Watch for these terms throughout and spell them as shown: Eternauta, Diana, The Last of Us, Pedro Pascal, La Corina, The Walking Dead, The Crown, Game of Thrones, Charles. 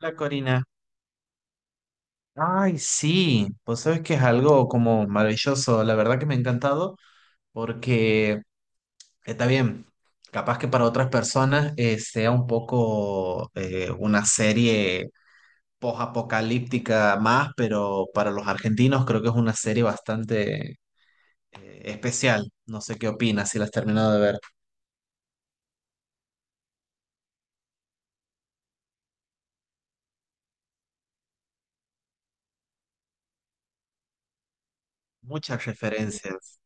La Corina. Ay, sí, vos sabés que es algo como maravilloso, la verdad que me ha encantado, porque está bien, capaz que para otras personas sea un poco una serie post-apocalíptica más, pero para los argentinos creo que es una serie bastante especial. No sé qué opinas si la has terminado de ver. Muchas referencias.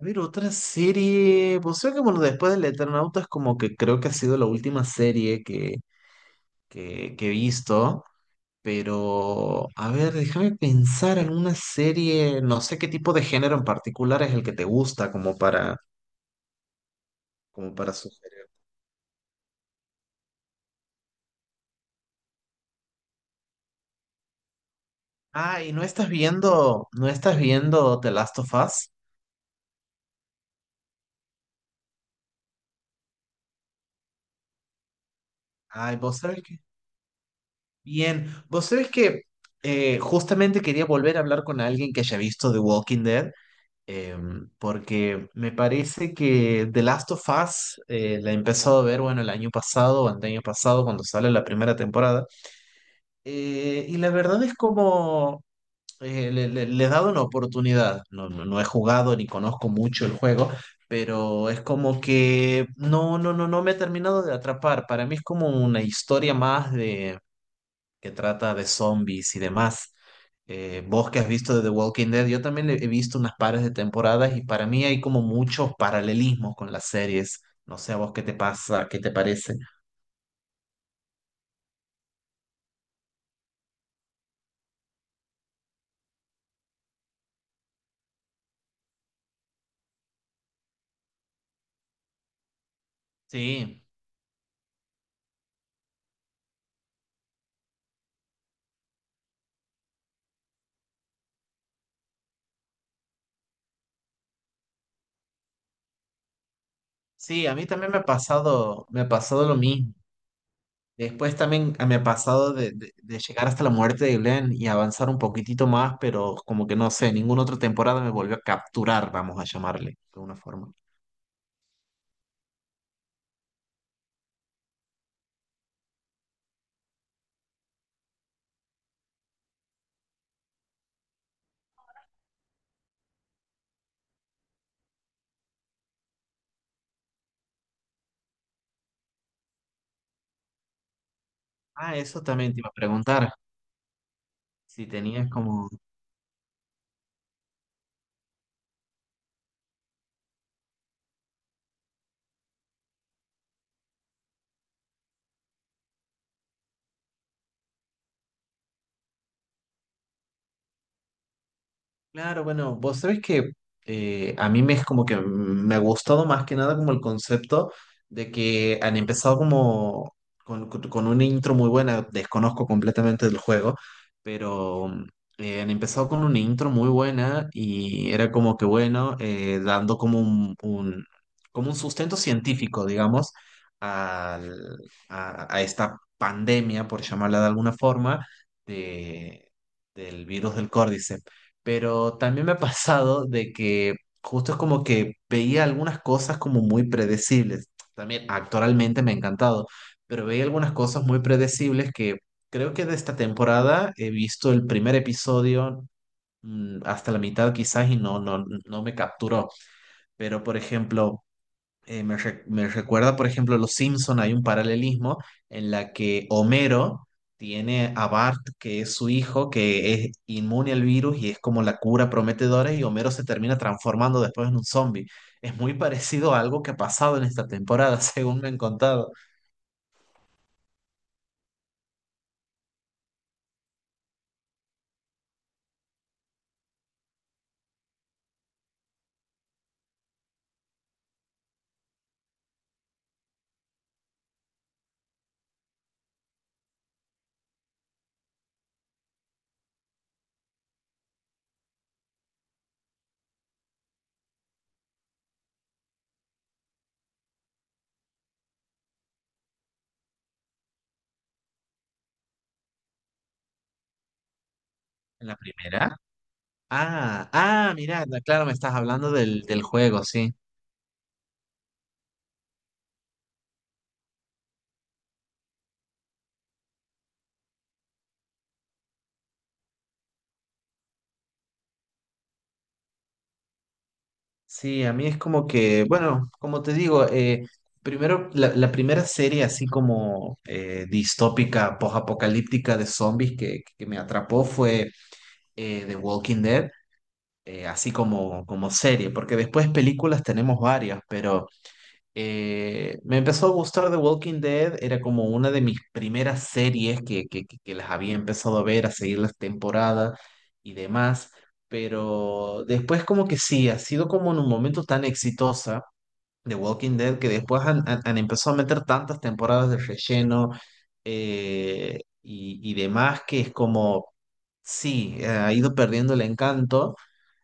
A ver, otra serie, vos sabés que bueno, después del Eternauta es como que creo que ha sido la última serie que he visto, pero a ver, déjame pensar alguna serie, no sé qué tipo de género en particular es el que te gusta como para, como para sugerir. Ah, y no estás viendo The Last of Us. Ay, vos sabés que. Bien, vos sabés que justamente quería volver a hablar con alguien que haya visto The Walking Dead. Porque me parece que The Last of Us la he empezado a ver, bueno, el año pasado o el año pasado cuando sale la primera temporada. Y la verdad es como le he dado una oportunidad. No, no, no he jugado ni conozco mucho el juego, pero es como que no, no me he terminado de atrapar. Para mí es como una historia más de que trata de zombies y demás. Vos que has visto de The Walking Dead, yo también he visto unas pares de temporadas y para mí hay como muchos paralelismos con las series. No sé a vos qué te pasa, qué te parece. Sí, sí, a mí también me ha pasado lo mismo. Después también ah, me ha pasado de llegar hasta la muerte de Glenn y avanzar un poquitito más, pero como que no sé, ninguna otra temporada me volvió a capturar, vamos a llamarle, de alguna forma. Ah, eso también te iba a preguntar, si tenías como claro, bueno, vos sabés que a mí me es como que me ha gustado más que nada como el concepto de que han empezado como con una intro muy buena, desconozco completamente del juego, pero han empezado con una intro muy buena y era como que bueno, dando como como un sustento científico, digamos, al- a esta pandemia, por llamarla de alguna forma, de, del virus del Córdice, pero también me ha pasado de que justo es como que veía algunas cosas como muy predecibles. También actualmente me ha encantado, pero veía algunas cosas muy predecibles que creo que de esta temporada he visto el primer episodio hasta la mitad quizás y no, no me capturó. Pero por ejemplo me recuerda, por ejemplo, Los Simpson, hay un paralelismo en la que Homero tiene a Bart, que es su hijo, que es inmune al virus y es como la cura prometedora, y Homero se termina transformando después en un zombie. Es muy parecido a algo que ha pasado en esta temporada, según me han contado. ¿En la primera? Ah, ah, mira, claro, me estás hablando del juego, sí. Sí, a mí es como que, bueno, como te digo, primero, la primera serie así como distópica, post-apocalíptica de zombies que me atrapó fue The Walking Dead, así como, como serie, porque después películas tenemos varias, pero me empezó a gustar The Walking Dead, era como una de mis primeras series que las había empezado a ver, a seguir las temporadas y demás, pero después como que sí, ha sido como en un momento tan exitosa The Walking Dead que después han empezado a meter tantas temporadas de relleno y demás que es como, sí, ha ido perdiendo el encanto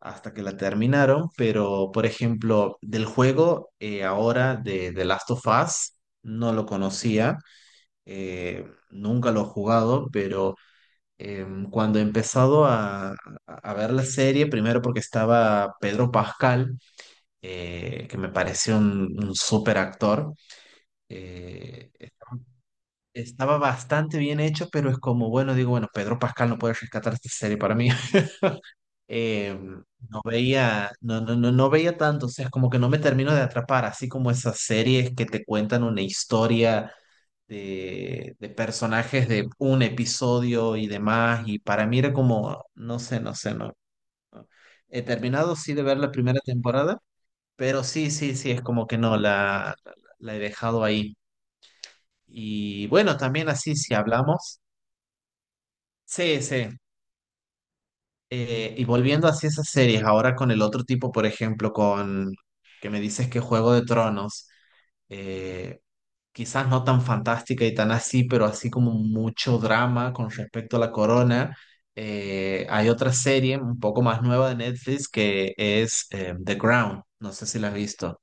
hasta que la terminaron, pero por ejemplo, del juego ahora de The Last of Us, no lo conocía, nunca lo he jugado, pero cuando he empezado a ver la serie, primero porque estaba Pedro Pascal, que me pareció un súper actor, eh, estaba bastante bien hecho, pero es como, bueno, digo, bueno, Pedro Pascal no puede rescatar esta serie para mí. Eh, no veía, no veía tanto, o sea, como que no me termino de atrapar, así como esas series que te cuentan una historia de personajes de un episodio y demás, y para mí era como, no sé, no sé, no. No. He terminado sí de ver la primera temporada, pero sí, sí, sí, es como que no, la he dejado ahí. Y bueno, también así si hablamos. Sí, sí. Y volviendo hacia esas series, ahora con el otro tipo, por ejemplo, con que me dices que Juego de Tronos, eh, quizás no tan fantástica y tan así, pero así como mucho drama con respecto a la corona. Eh, hay otra serie un poco más nueva de Netflix que es The Crown, no sé si la has visto.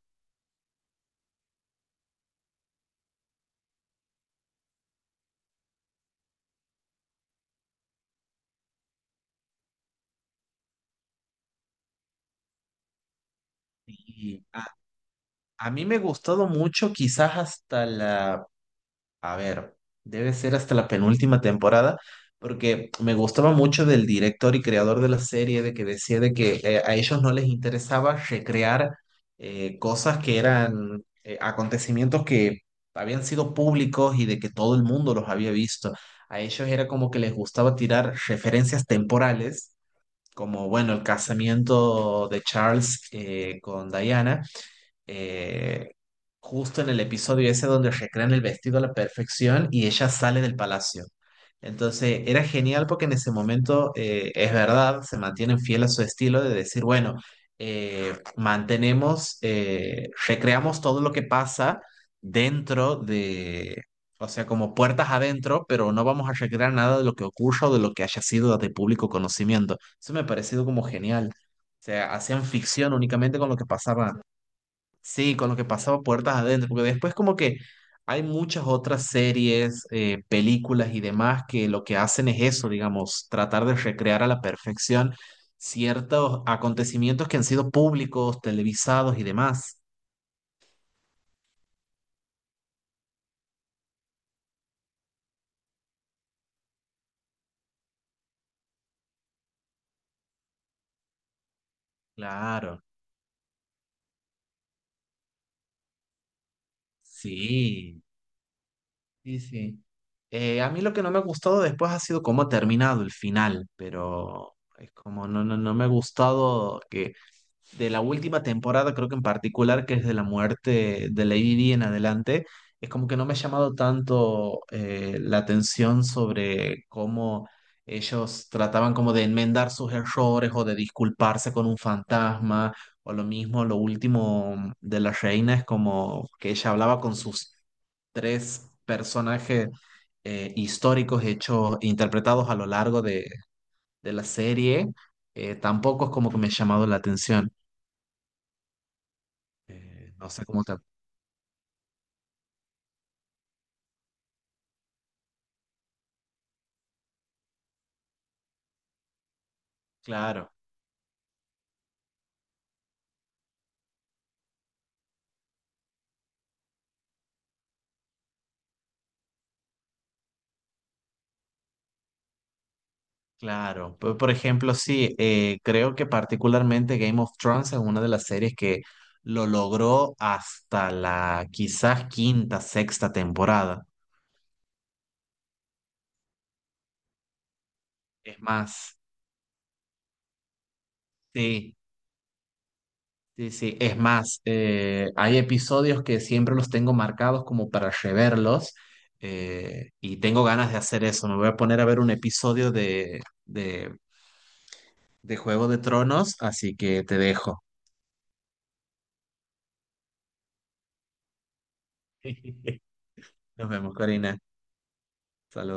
Y a mí me ha gustado mucho, quizás hasta la a ver, debe ser hasta la penúltima temporada, porque me gustaba mucho del director y creador de la serie, de que decía de que a ellos no les interesaba recrear cosas que eran acontecimientos que habían sido públicos y de que todo el mundo los había visto. A ellos era como que les gustaba tirar referencias temporales, como bueno, el casamiento de Charles con Diana, eh, justo en el episodio ese donde recrean el vestido a la perfección y ella sale del palacio. Entonces era genial porque en ese momento es verdad, se mantienen fiel a su estilo de decir, bueno, recreamos todo lo que pasa dentro de, o sea, como puertas adentro, pero no vamos a recrear nada de lo que ocurra o de lo que haya sido de público conocimiento. Eso me ha parecido como genial. O sea, hacían ficción únicamente con lo que pasaba sí, con lo que pasaba puertas adentro, porque después como que hay muchas otras series, películas y demás que lo que hacen es eso, digamos, tratar de recrear a la perfección ciertos acontecimientos que han sido públicos, televisados y demás. Claro, sí, sí, sí. A mí lo que no me ha gustado después ha sido cómo ha terminado el final, pero es como no, no me ha gustado que de la última temporada, creo que en particular, que es de la muerte de Lady Di en adelante, es como que no me ha llamado tanto la atención sobre cómo ellos trataban como de enmendar sus errores o de disculparse con un fantasma, o lo mismo, lo último de la reina es como que ella hablaba con sus tres personajes históricos hechos, interpretados a lo largo de la serie. Tampoco es como que me ha llamado la atención. No sé cómo te... Claro, claro. Por ejemplo, sí, creo que particularmente Game of Thrones es una de las series que lo logró hasta la quizás quinta, sexta temporada. Es más, sí, sí, sí. Es más, hay episodios que siempre los tengo marcados como para reverlos y tengo ganas de hacer eso. Me voy a poner a ver un episodio de Juego de Tronos, así que te dejo. Nos vemos, Corina. Saludos.